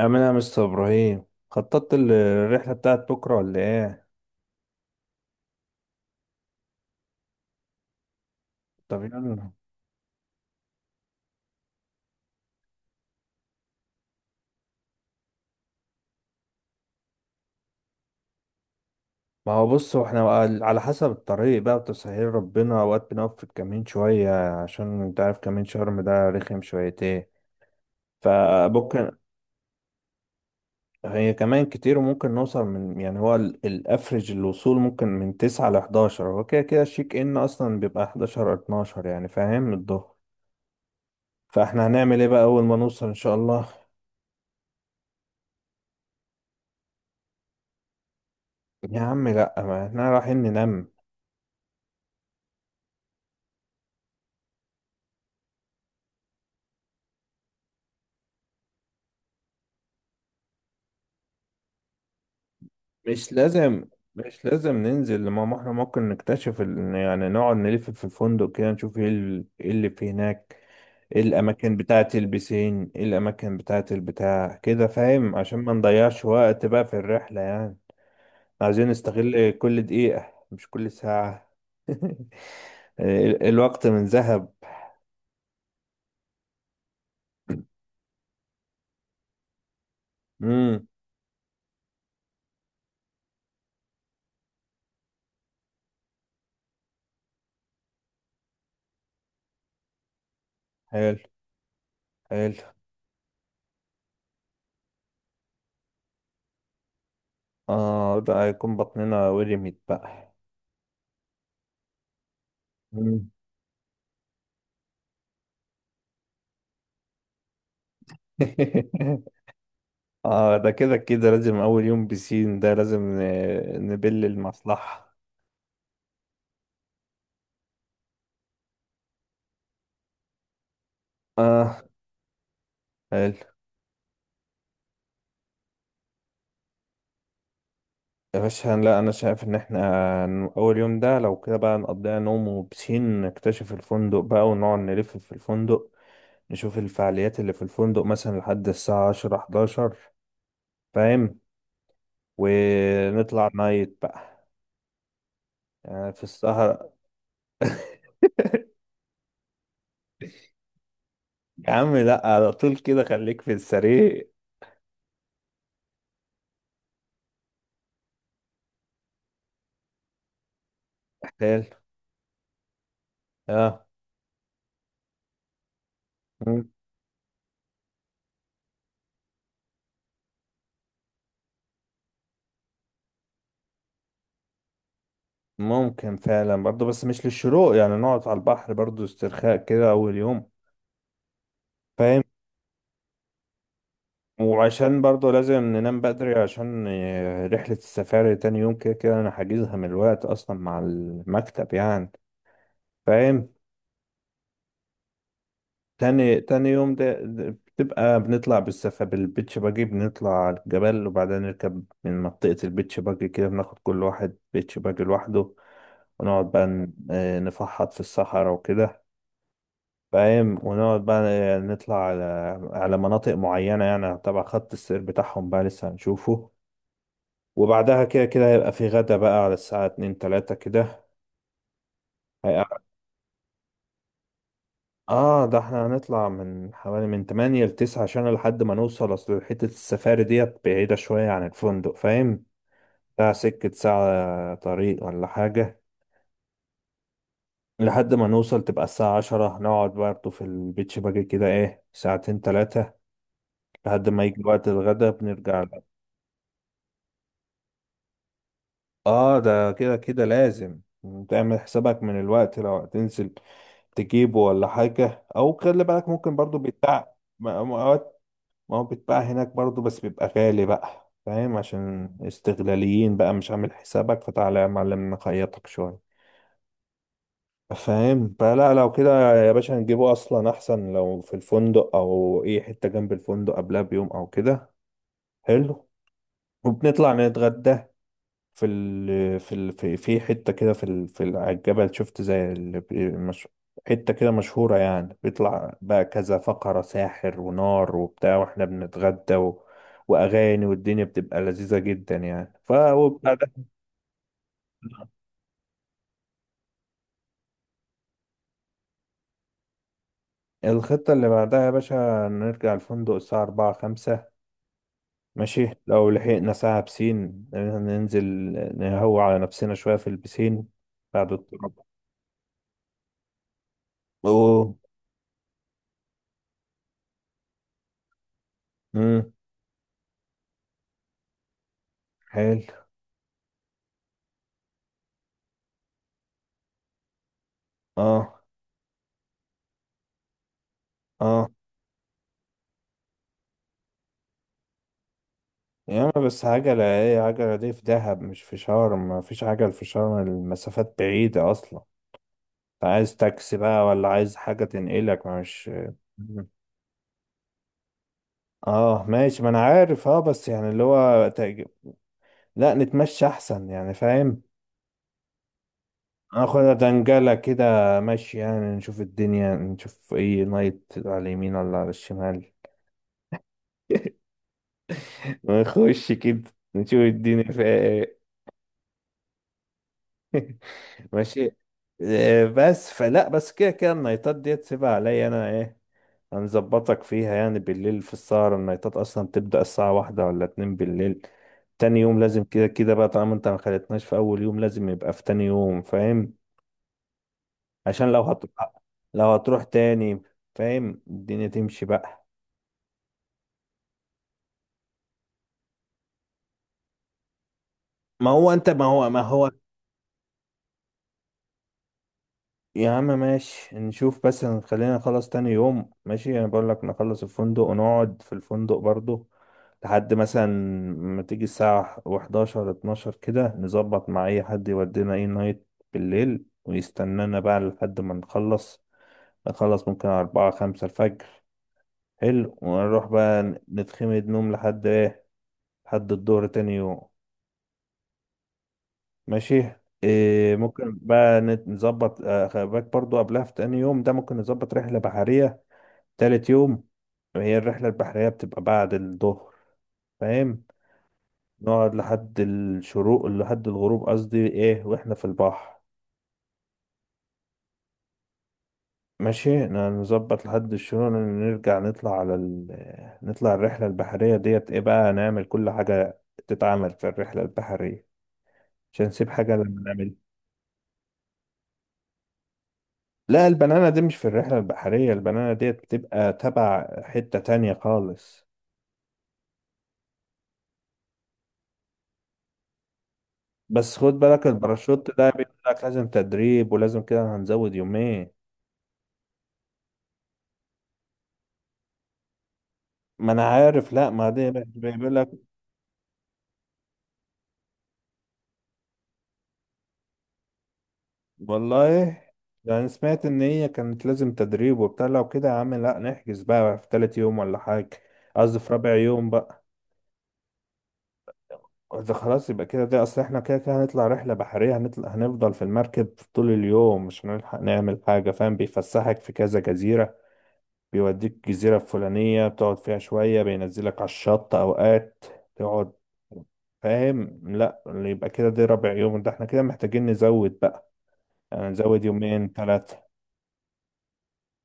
أمين يا مستر إبراهيم، خططت الرحلة بتاعت بكرة ولا إيه؟ طب يلا. ما هو، بص، هو إحنا بقى على حسب الطريق بقى وتسهيل ربنا، أوقات بنقف في الكمين شوية عشان أنت عارف كمين شرم ده رخم شويتين، فممكن. هي كمان كتير وممكن نوصل من، يعني، هو الأفرج الوصول ممكن من 9 ل 11، هو كده كده الشيك إن أصلا بيبقى 11 12، يعني فاهم، الظهر. فإحنا هنعمل إيه بقى أول ما نوصل إن شاء الله؟ يا عم لأ، ما إحنا رايحين ننام. مش لازم مش لازم ننزل، لما احنا ممكن نكتشف نقعد نلف في الفندق كده، نشوف ايه إيه اللي في هناك. ايه الاماكن بتاعة البسين، ايه الاماكن بتاعة البتاع كده فاهم، عشان ما نضيعش وقت بقى في الرحلة يعني. عايزين نستغل كل دقيقة مش كل ساعة. الوقت من ذهب. امم. حلو، حلو. اه ده هيكون بطننا ورمت بقى. مم. اه ده كده كده لازم، اول يوم بسين ده لازم نبل المصلحة. اه، حلو. يا باشا لا، انا شايف ان احنا، اول يوم ده لو كده بقى نقضيها نوم وبسين، نكتشف الفندق بقى ونقعد نلف في الفندق، نشوف الفعاليات اللي في الفندق مثلا لحد الساعة 10 11، فاهم، ونطلع نايت بقى، يعني في السهرة. يا عم لا، على طول كده خليك في السرير. حلو، اه. ممكن فعلا برضه، بس مش للشروق، يعني نقعد على البحر برضه استرخاء كده أول يوم، فاهم. وعشان برضه لازم ننام بدري عشان رحلة السفاري تاني يوم كده كده أنا حاجزها من الوقت أصلا مع المكتب يعني، فاهم. تاني يوم ده بتبقى بنطلع بالبيتش باجي، بنطلع على الجبل، وبعدين نركب من منطقة البيتش باجي كده، بناخد كل واحد بيتش باجي لوحده، ونقعد بقى نفحط في الصحراء وكده، فاهم، ونقعد بقى نطلع على مناطق معينة، يعني تبع خط السير بتاعهم بقى لسه هنشوفه. وبعدها كده كده هيبقى في غدا بقى على الساعة 2 3 كده. هي- اه ده احنا هنطلع من حوالي، من 8 ل 9، عشان لحد ما نوصل، اصل حتة السفاري ديت بعيدة شوية عن الفندق، فاهم. ده سكة ساعة طريق ولا حاجة. لحد ما نوصل تبقى الساعة 10، نقعد برضه في البيتش باجي كده ايه ساعتين تلاتة لحد ما يجي وقت الغدا بنرجع. اه ده كده كده لازم، تعمل حسابك من الوقت لو هتنزل تجيبه ولا حاجة، او خلي بالك ممكن برضو بيتباع اوقات. ما هو بيتباع هناك برضو، بس بيبقى غالي بقى، فاهم، عشان استغلاليين بقى، مش عامل حسابك فتعالى يا معلم نخيطك شوية، فاهم. فلا لو كده يا باشا نجيبه اصلا، احسن لو في الفندق او اي حتة جنب الفندق قبلها بيوم او كده. حلو. وبنطلع نتغدى في حتة كده، على الجبل، شفت زي ال... مش... حتة كده مشهورة، يعني بيطلع بقى كذا فقرة، ساحر ونار وبتاع، واحنا بنتغدى و... وأغاني، والدنيا بتبقى لذيذة جدا يعني. وبعدها، الخطة اللي بعدها يا باشا، نرجع الفندق الساعة 4 5، ماشي، لو لحقنا ساعة بسين ننزل نهوى على نفسنا شوية في البسين بعد التراب. أوه. مم. حلو، اه، اه. ياما، بس عجلة ايه؟ عجلة دي في دهب مش في شرم، مفيش عجل في شرم، المسافات بعيدة أصلا. عايز تاكسي بقى، ولا عايز حاجة تنقلك ما مش. اه ماشي، ما انا عارف، اه بس يعني اللي هو لا نتمشى احسن يعني، فاهم. ناخد دنجلة كده، ماشي، يعني نشوف الدنيا، نشوف ايه نايت على اليمين ولا على الشمال. ونخش كده نشوف الدنيا فيها ايه. ماشي. بس فلا، بس كده كده النايتات دي تسيبها عليا انا ايه، هنظبطك فيها، يعني بالليل في السهرة النايتات اصلا بتبدأ الساعة 1 ولا 2 بالليل. تاني يوم لازم كده كده بقى، طالما انت ما خلتناش في اول يوم لازم يبقى في تاني يوم، فاهم، عشان لو هتروح تاني، فاهم، الدنيا تمشي بقى. ما هو انت، ما هو ما هو يا عم ماشي، نشوف، بس خلينا نخلص تاني يوم، ماشي، انا بقول لك نخلص الفندق ونقعد في الفندق برضو لحد مثلا ما تيجي الساعة و11 12 كده، نظبط مع اي حد يودينا اي نايت بالليل ويستنانا بقى لحد ما نخلص، نخلص ممكن 4 5 الفجر، حلو، ونروح بقى نتخمد نوم لحد ايه، لحد الظهر تاني يوم. ماشي. إيه، ممكن بقى نظبط خلي بالك برضو قبلها، في تاني يوم ده ممكن نظبط رحلة بحرية تالت يوم. هي الرحلة البحرية بتبقى بعد الظهر، فاهم، نقعد لحد الشروق لحد الغروب قصدي، ايه واحنا في البحر. ماشي، نظبط لحد الشروق، نرجع نطلع على نطلع الرحلة البحرية ديت، ايه بقى، نعمل كل حاجة تتعمل في الرحلة البحرية عشان نسيب حاجة لما نعمل. لا البنانة دي مش في الرحلة البحرية، البنانة ديت بتبقى تبع حتة تانية خالص. بس خد بالك الباراشوت ده بيقول لك لازم تدريب ولازم كده هنزود يومين. ما انا عارف، لا ما دي بيقول لك والله، يعني سمعت ان هي كانت لازم تدريب وبتاع، لو كده يا عم لا نحجز بقى في تالت يوم ولا حاجة، قصدي في رابع يوم بقى. ده خلاص يبقى كده، ده اصل احنا كده كده هنطلع رحلة بحرية، هنطلع هنفضل في المركب طول اليوم مش هنلحق نعمل حاجة، فاهم، بيفسحك في كذا جزيرة، بيوديك جزيرة فلانية بتقعد فيها شوية، بينزلك على الشط اوقات تقعد، فاهم. لا يبقى كده ده رابع يوم، ده احنا كده محتاجين نزود بقى، يعني نزود يومين ثلاثة.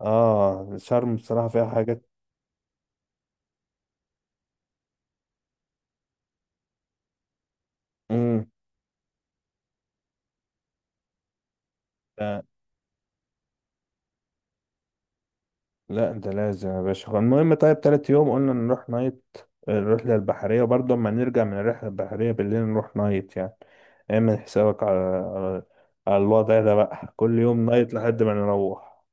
اه شرم بصراحة فيها حاجات. مم. لا، لا ده لازم يا باشا، هو المهم طيب تالت يوم قلنا نروح نايت الرحلة البحرية، وبرضه أما نرجع من الرحلة البحرية بالليل نروح نايت، يعني اعمل حسابك على على الوضع ده بقى كل يوم نايت لحد ما نروح.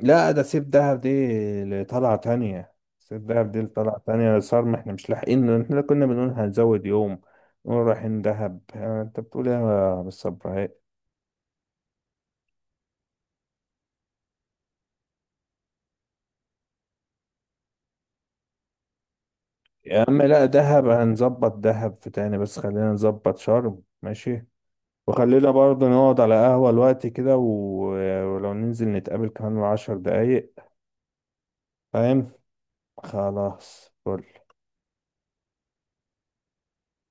لا ده سيب دهب دي لطلعة تانية، سيب دهب دي لطلعة تانية، صار احنا مش لاحقين، احنا كنا بنقول هنزود يوم، نقول رايحين دهب، انت بتقول ايه يا بالصبر. يا عم لا، دهب هنظبط دهب في تاني، بس خلينا نظبط شرم، ماشي، وخلينا برضه نقعد على قهوة الوقت كده ولو ننزل نتقابل كمان 10 دقايق، فاهم. خلاص فل.